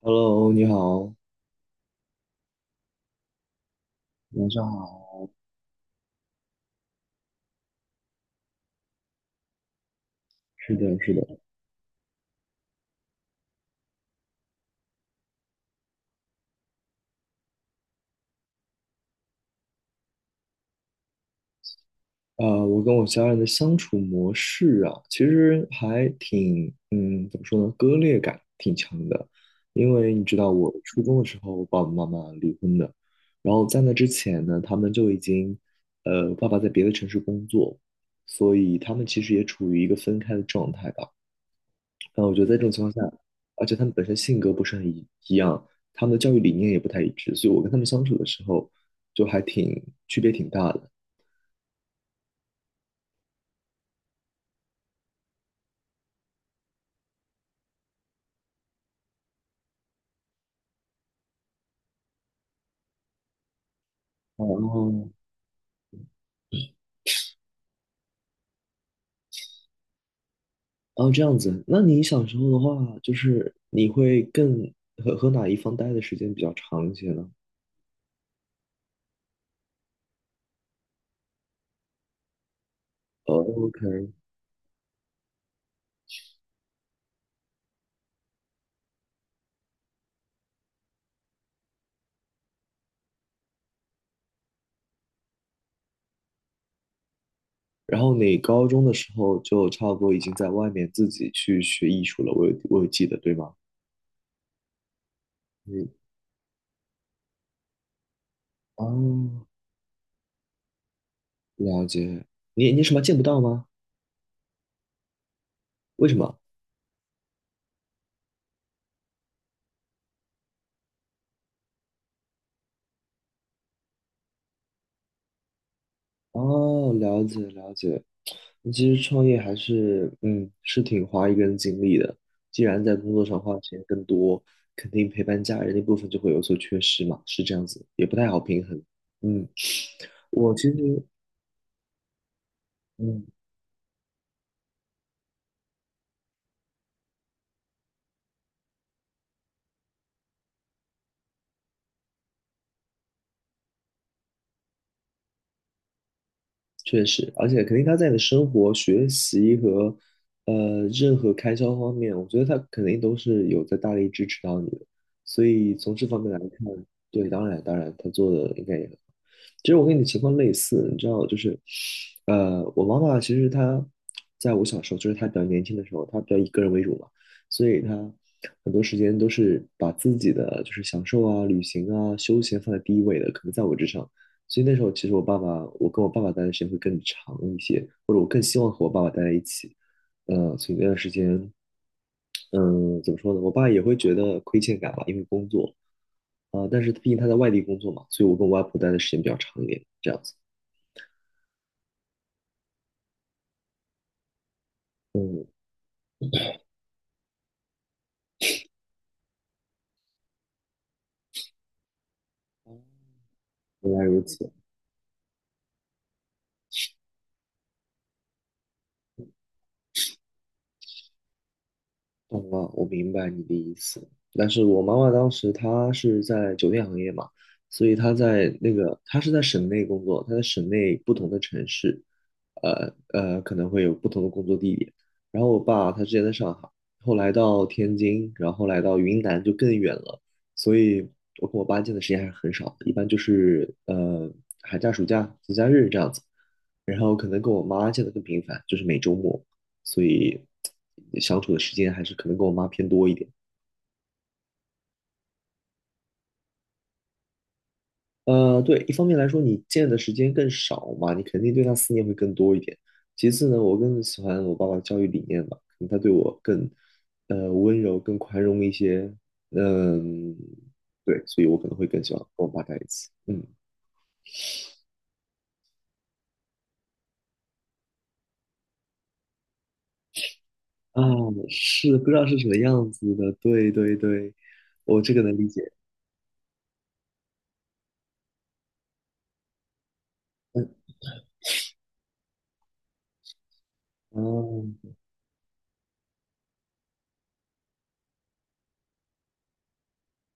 Hello，你好。晚上好，是的，是的。啊、我跟我家人的相处模式啊，其实还挺，怎么说呢，割裂感挺强的。因为你知道，我初中的时候，我爸爸妈妈离婚的，然后在那之前呢，他们就已经，爸爸在别的城市工作，所以他们其实也处于一个分开的状态吧。但我觉得在这种情况下，而且他们本身性格不是很一样，他们的教育理念也不太一致，所以我跟他们相处的时候就还挺区别挺大的。哦，哦，这样子。那你小时候的话，就是你会更和哪一方待的时间比较长一些呢？哦，OK。然后你高中的时候就差不多已经在外面自己去学艺术了，我有记得，对吗？嗯，哦，了解。你什么见不到吗？为什么？哦，了解了解。其实创业还是，是挺花一个人精力的。既然在工作上花的时间更多，肯定陪伴家人那部分就会有所缺失嘛，是这样子，也不太好平衡。嗯，我其实，嗯，确实，而且肯定他在你的生活、学习和任何开销方面，我觉得他肯定都是有在大力支持到你的。所以从这方面来看，对，当然当然，他做的应该也很好。其实我跟你的情况类似，你知道，就是我妈妈其实她在我小时候，就是她比较年轻的时候，她比较以个人为主嘛，所以她很多时间都是把自己的就是享受啊、旅行啊、休闲放在第一位的，可能在我之上。所以那时候其实我爸爸，我跟我爸爸待的时间会更长一些，或者我更希望和我爸爸待在一起。所以那段时间，嗯、怎么说呢？我爸也会觉得亏欠感吧，因为工作啊、但是毕竟他在外地工作嘛，所以我跟我外婆待的时间比较长一点，这样子。嗯，原来如此。懂哦，我明白你的意思。但是我妈妈当时她是在酒店行业嘛，所以她是在省内工作，她在省内不同的城市，可能会有不同的工作地点。然后我爸他之前在上海，后来到天津，然后来到云南就更远了，所以我跟我爸见的时间还是很少的，一般就是寒假、暑假、节假日这样子。然后可能跟我妈见的更频繁，就是每周末。所以相处的时间还是可能跟我妈偏多一点。对，一方面来说，你见的时间更少嘛，你肯定对他思念会更多一点。其次呢，我更喜欢我爸爸的教育理念吧，可能他对我更温柔、更宽容一些。嗯，对，所以我可能会更喜欢跟我爸在一起。嗯，啊，是不知道是什么样子的，对对对，我这个能理解。啊，嗯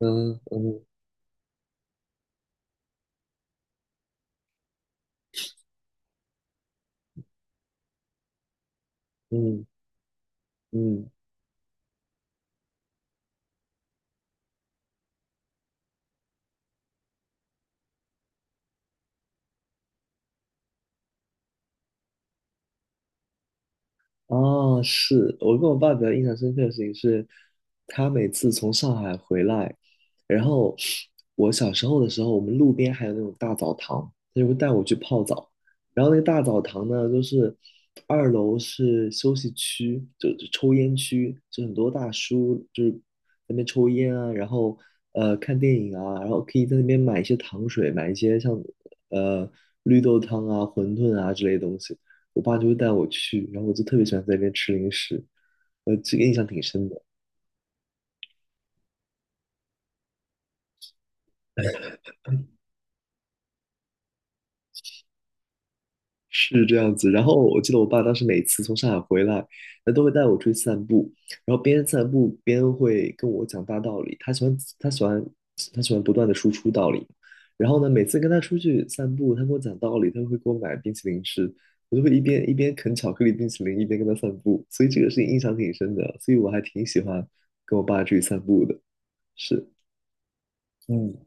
嗯嗯嗯，哦，是我跟我爸比较印象深刻的事情是，他每次从上海回来，然后我小时候的时候，我们路边还有那种大澡堂，他就会带我去泡澡。然后那个大澡堂呢，就是二楼是休息区，就抽烟区，就很多大叔就是在那边抽烟啊，然后看电影啊，然后可以在那边买一些糖水，买一些像呃绿豆汤啊、馄饨啊之类的东西。我爸就会带我去，然后我就特别喜欢在那边吃零食，这个印象挺深的，是这样子。然后我记得我爸当时每次从上海回来，他都会带我出去散步，然后边散步边会跟我讲大道理，他喜欢不断的输出道理。然后呢，每次跟他出去散步，他跟我讲道理，他会给我买冰淇淋吃，我就会一边啃巧克力冰淇淋，一边跟他散步，所以这个是印象挺深的，所以我还挺喜欢跟我爸出去散步的，是，嗯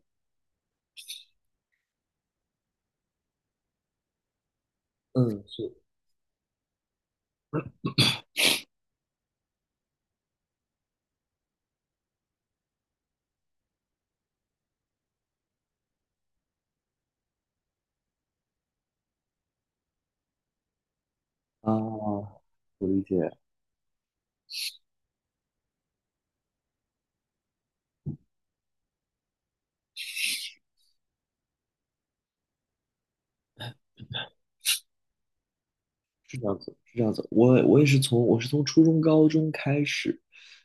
嗯，是。啊，我理解，是这样子，是这样子。我是从初中、高中开始，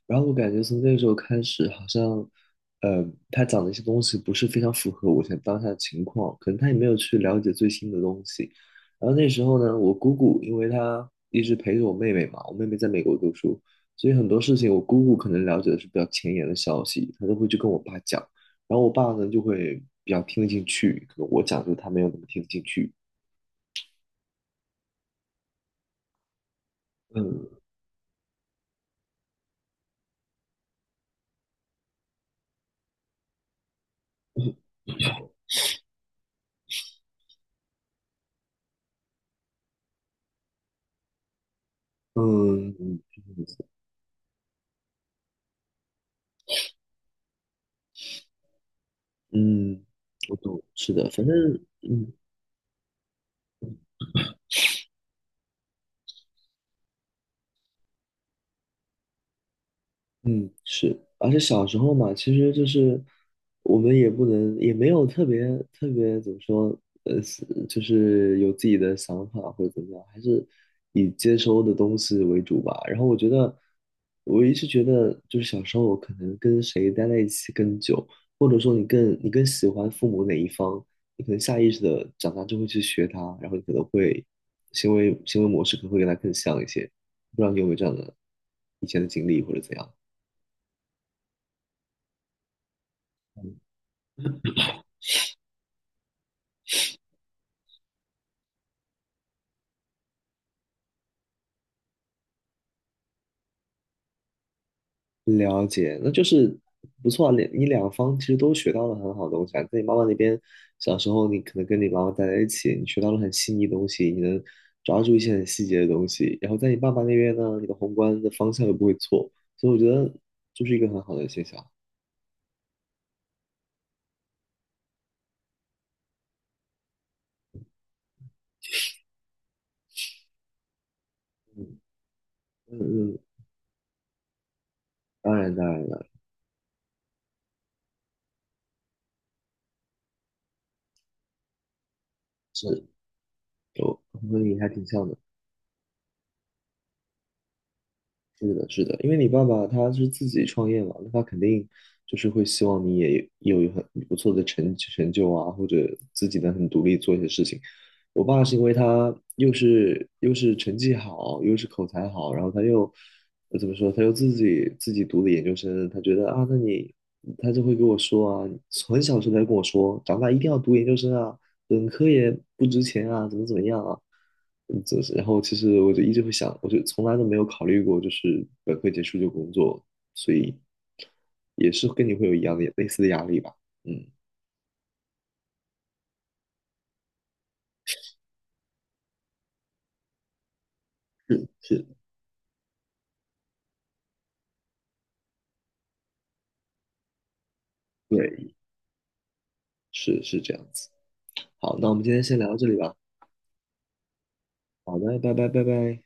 然后我感觉从那个时候开始，好像，呃，他讲的一些东西不是非常符合我现在当下的情况，可能他也没有去了解最新的东西。然后那时候呢，我姑姑因为她一直陪着我妹妹嘛，我妹妹在美国读书，所以很多事情我姑姑可能了解的是比较前沿的消息，她都会去跟我爸讲，然后我爸呢就会比较听得进去，可能我讲就他没有那么听得进去。嗯，嗯，嗯，嗯我懂，是的，反正嗯，嗯，是，而且小时候嘛，其实就是我们也不能，也没有特别怎么说，是就是有自己的想法或者怎么样，还是以接收的东西为主吧。然后我一直觉得，就是小时候我可能跟谁待在一起更久，或者说你更喜欢父母哪一方，你可能下意识的长大就会去学他，然后你可能会行为模式可能会跟他更像一些。不知道你有没有这样的了解，那就是不错啊，你两方其实都学到了很好的东西啊。在你妈妈那边，小时候你可能跟你妈妈待在一起，你学到了很细腻的东西，你能抓住一些很细节的东西。然后在你爸爸那边呢，你的宏观的方向又不会错，所以我觉得就是一个很好的现象。嗯嗯嗯，当然当然了，是有和你还挺像的。是的，是的，因为你爸爸他是自己创业嘛，那他肯定就是会希望你也有一很不错的成就啊，或者自己能很独立做一些事情。我爸是因为他又是成绩好，又是口才好，然后他又怎么说，他又自己读的研究生，他觉得啊，他就会跟我说啊，很小的时候他就跟我说，长大一定要读研究生啊，本科也不值钱啊，怎么怎么样啊，嗯，就是然后其实我就一直会想，我就从来都没有考虑过，就是本科结束就工作，所以也是跟你会有一样的类似的压力吧，嗯，是，对，是是这样子。好，那我们今天先聊到这里吧。好的，拜拜拜拜。